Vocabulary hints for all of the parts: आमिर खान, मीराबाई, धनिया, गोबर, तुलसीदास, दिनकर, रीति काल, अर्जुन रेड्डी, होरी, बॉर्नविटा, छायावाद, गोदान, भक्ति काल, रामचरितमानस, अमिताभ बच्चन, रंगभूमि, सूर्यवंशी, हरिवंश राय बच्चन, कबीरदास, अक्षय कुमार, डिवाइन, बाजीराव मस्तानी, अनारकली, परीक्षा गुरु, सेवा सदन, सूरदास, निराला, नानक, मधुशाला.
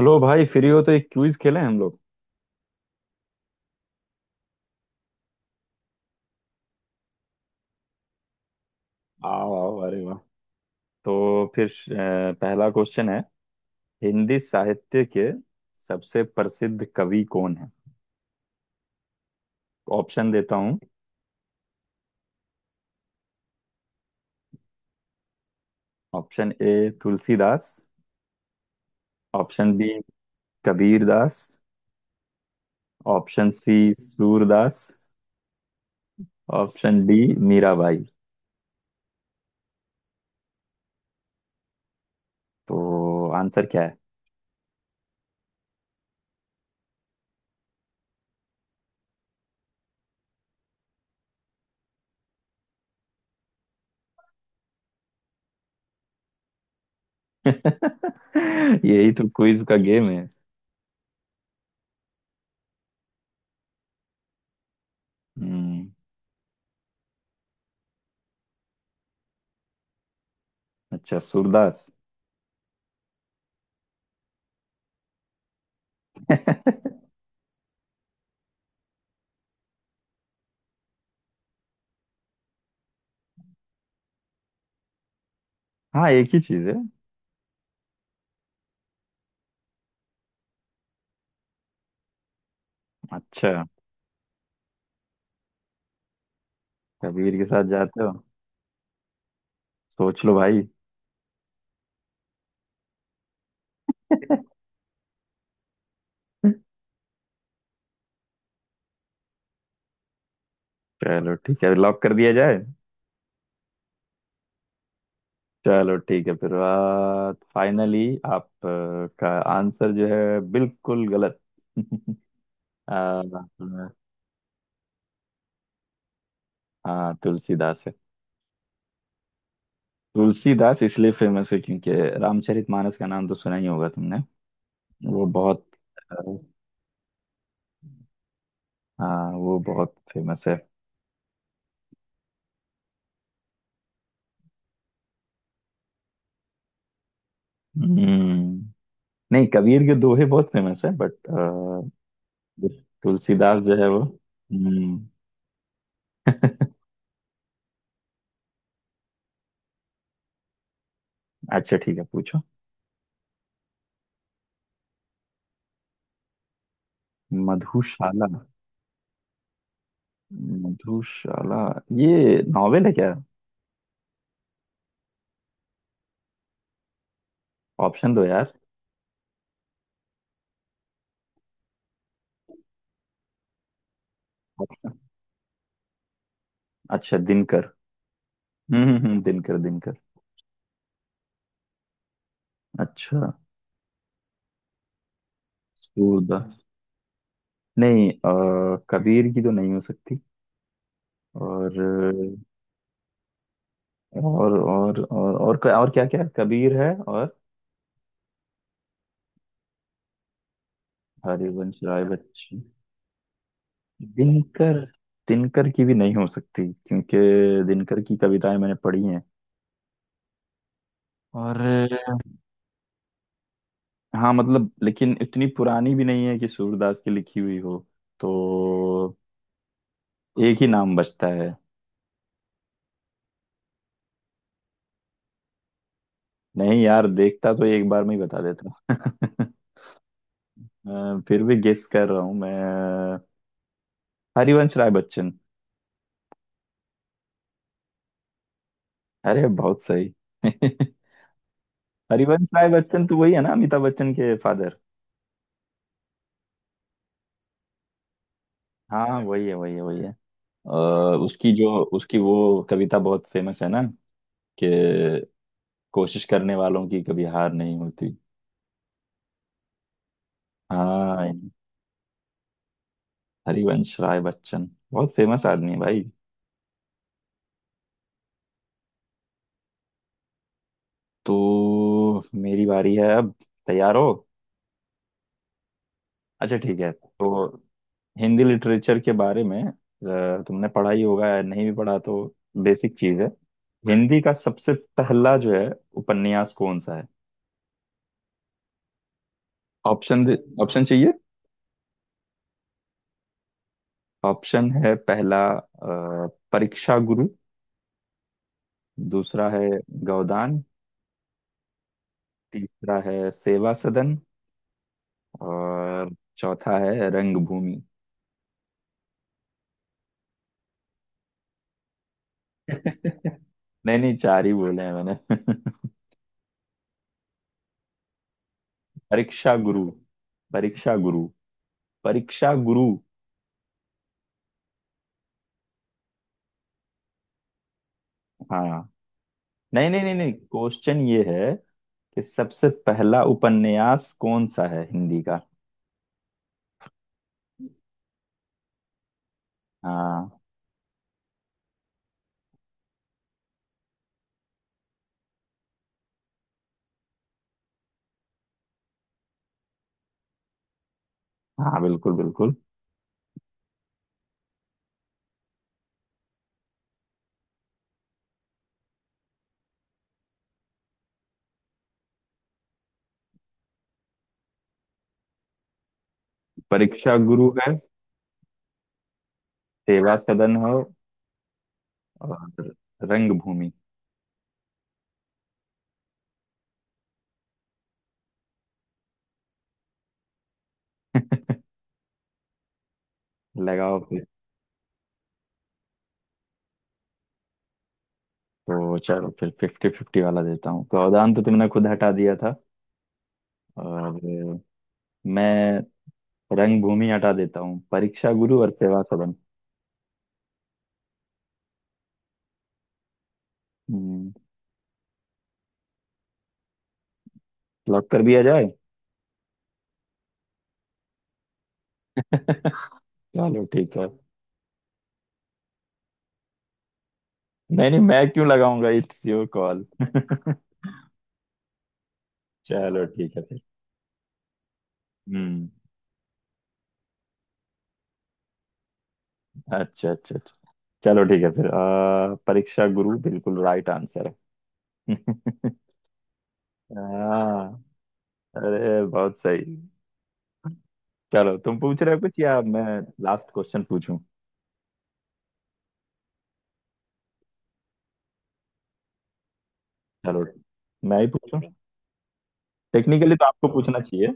Hello भाई, free हो तो एक क्विज खेलें हम लोग। आओ आओ, अरे वाह। तो फिर पहला क्वेश्चन है। हिंदी साहित्य के सबसे प्रसिद्ध कवि कौन है? ऑप्शन देता हूँ। Option A तुलसीदास, option B कबीरदास, option C सूरदास, option D मीराबाई। तो आंसर क्या है? यही तो क्विज का गेम है। हम्म। अच्छा, सूरदास। हाँ, एक ही चीज है। अच्छा, कबीर के साथ जाते हो? सोच लो भाई। चलो ठीक है, लॉक कर दिया जाए। चलो ठीक है फिर। फाइनली आप का आंसर जो है बिल्कुल गलत। आ, हाँ, तुलसीदास है। तुलसीदास इसलिए फेमस है क्योंकि रामचरितमानस का नाम तो सुना ही होगा तुमने। वो बहुत अ, हाँ, वो बहुत फेमस है। हम्म। नहीं, कबीर के दोहे बहुत फेमस है बट तुलसीदास जो है वो हम्म। अच्छा ठीक है, पूछो। मधुशाला, मधुशाला, ये नॉवेल है क्या? ऑप्शन दो यार। ऑप्शन, अच्छा दिनकर। दिनकर दिनकर। अच्छा सूरदास, नहीं कबीर की तो नहीं हो सकती। और और क्या क्या, कबीर है और हरिवंश राय बच्चन, दिनकर। दिनकर की भी नहीं हो सकती क्योंकि दिनकर की कविताएं मैंने पढ़ी हैं। और हाँ, मतलब लेकिन इतनी पुरानी भी नहीं है कि सूरदास की लिखी हुई हो। तो एक ही नाम बचता है। नहीं यार, देखता तो एक बार में ही बता देता। फिर भी गेस कर रहा हूँ मैं। हरिवंश राय बच्चन। अरे बहुत सही। हरिवंश राय बच्चन तो वही है ना, अमिताभ बच्चन के फादर? हाँ, वही है वही है वही है। अ, उसकी जो उसकी वो कविता बहुत फेमस है ना, कि कोशिश करने वालों की कभी हार नहीं होती। हाँ। हरिवंश राय बच्चन बहुत फेमस आदमी है भाई। तो मेरी बारी है अब। तैयार हो? अच्छा ठीक है, तो हिंदी लिटरेचर के बारे में तुमने पढ़ा ही होगा, या नहीं भी पढ़ा तो बेसिक चीज है। हिंदी का सबसे पहला जो है उपन्यास कौन सा है? ऑप्शन दे- ऑप्शन चाहिए? ऑप्शन है, पहला परीक्षा गुरु, दूसरा है गोदान, तीसरा है सेवा सदन, और चौथा है रंगभूमि। नहीं नहीं, चार ही बोले हैं मैंने। परीक्षा गुरु, परीक्षा गुरु, परीक्षा गुरु। हाँ। नहीं नहीं नहीं नहीं, क्वेश्चन ये है कि सबसे पहला उपन्यास कौन सा है हिंदी का। हाँ। हाँ बिल्कुल बिल्कुल। परीक्षा गुरु है, सेवा सदन हो, और रंगभूमि। लगाओ फिर। तो चलो फिर फिफ्टी फिफ्टी वाला देता हूँ, गोदान तो तुमने खुद हटा दिया था, और मैं रंगभूमि हटा देता हूँ। परीक्षा गुरु और सेवा सदन। हम्म। लॉक कर दिया जाए। चलो ठीक है। नहीं नहीं, मैं क्यों लगाऊंगा, इट्स योर कॉल। चलो ठीक है फिर। हम्म। अच्छा अच्छा अच्छा। चलो ठीक है फिर परीक्षा गुरु बिल्कुल राइट आंसर है। हाँ। अरे बहुत सही। चलो, तुम पूछ रहे हो कुछ या मैं? लास्ट क्वेश्चन पूछूं? चलो मैं ही पूछूं। टेक्निकली तो आपको पूछना चाहिए।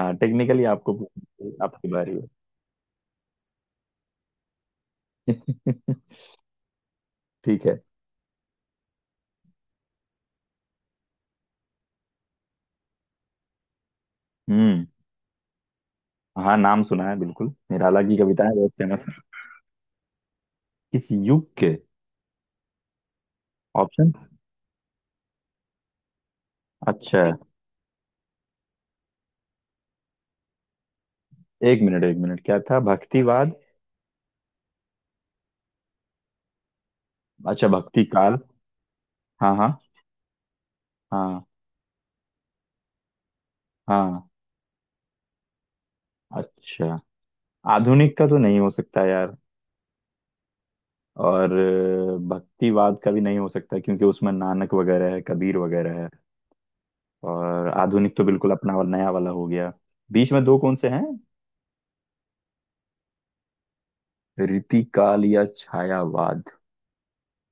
हाँ, टेक्निकली आपको पूछना चाहिए, आपकी बारी है। ठीक है। हम्म। हाँ, नाम सुना है बिल्कुल, निराला की कविताएं बहुत फेमस। किस युग के? ऑप्शन? अच्छा। एक मिनट एक मिनट, क्या था, भक्तिवाद? अच्छा, भक्ति काल। हाँ हाँ हाँ हाँ। अच्छा, आधुनिक का तो नहीं हो सकता यार, और भक्तिवाद का भी नहीं हो सकता क्योंकि उसमें नानक वगैरह है, कबीर वगैरह है। और आधुनिक तो बिल्कुल अपना वाला नया वाला हो गया। बीच में दो कौन से हैं? रीति काल या छायावाद?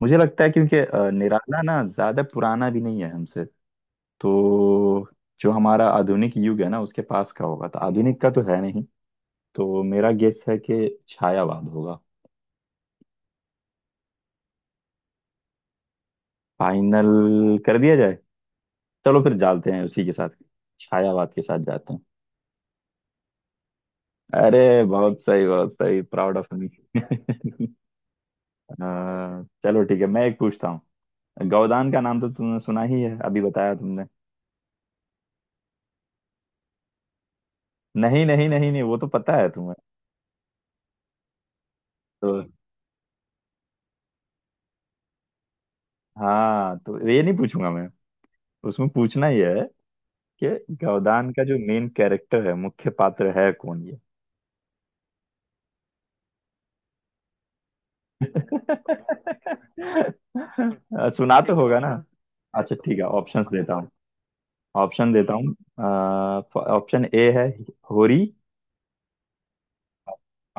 मुझे लगता है क्योंकि निराला ना ज्यादा पुराना भी नहीं है हमसे, तो जो हमारा आधुनिक युग है ना, उसके पास का होगा, तो आधुनिक का तो है नहीं। तो मेरा गेस है कि छायावाद होगा। फाइनल कर दिया जाए। चलो फिर जाते हैं उसी के साथ, छायावाद के साथ जाते हैं। अरे बहुत सही बहुत सही, प्राउड ऑफ मी। चलो ठीक है, मैं एक पूछता हूँ। गौदान का नाम तो तुमने सुना ही है, अभी बताया तुमने। नहीं नहीं नहीं नहीं, वो तो पता है तुम्हें। तो हाँ, तो ये नहीं पूछूंगा मैं। उसमें पूछना ही है ये, गौदान का जो मेन कैरेक्टर है, मुख्य पात्र है कौन ये? सुना तो होगा ना। अच्छा ठीक है, ऑप्शंस देता हूँ, ऑप्शन देता हूँ। ऑप्शन ए है होरी,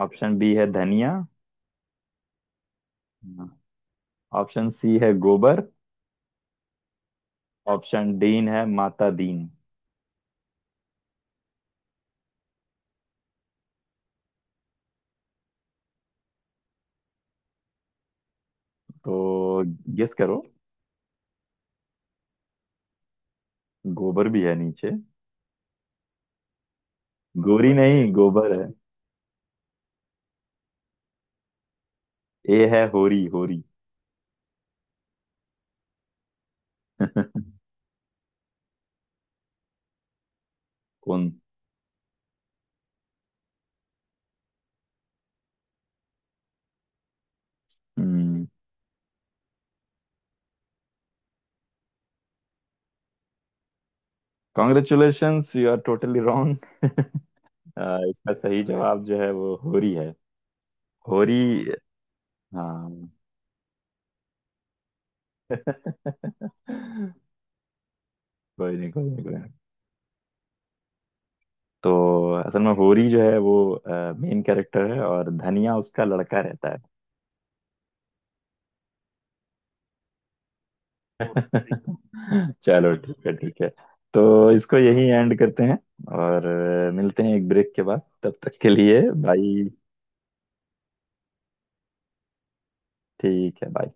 ऑप्शन बी है धनिया, ऑप्शन सी है गोबर, ऑप्शन डीन है माता दीन। तो गेस करो, गोबर भी है नीचे। गोरी नहीं, गोबर है। ए है होरी, होरी। कौन? हम्म कॉन्ग्रेचुलेशंस, यू आर टोटली इसका सही जवाब जो है वो होरी है। होरी। हाँ। कोई नहीं कोई नहीं कोई नहीं। तो असल में होरी जो है वो मेन कैरेक्टर है, और धनिया उसका लड़का रहता है। चलो ठीक है ठीक है, तो इसको यही एंड करते हैं और मिलते हैं एक ब्रेक के बाद, तब तक के लिए बाय। ठीक है, बाय।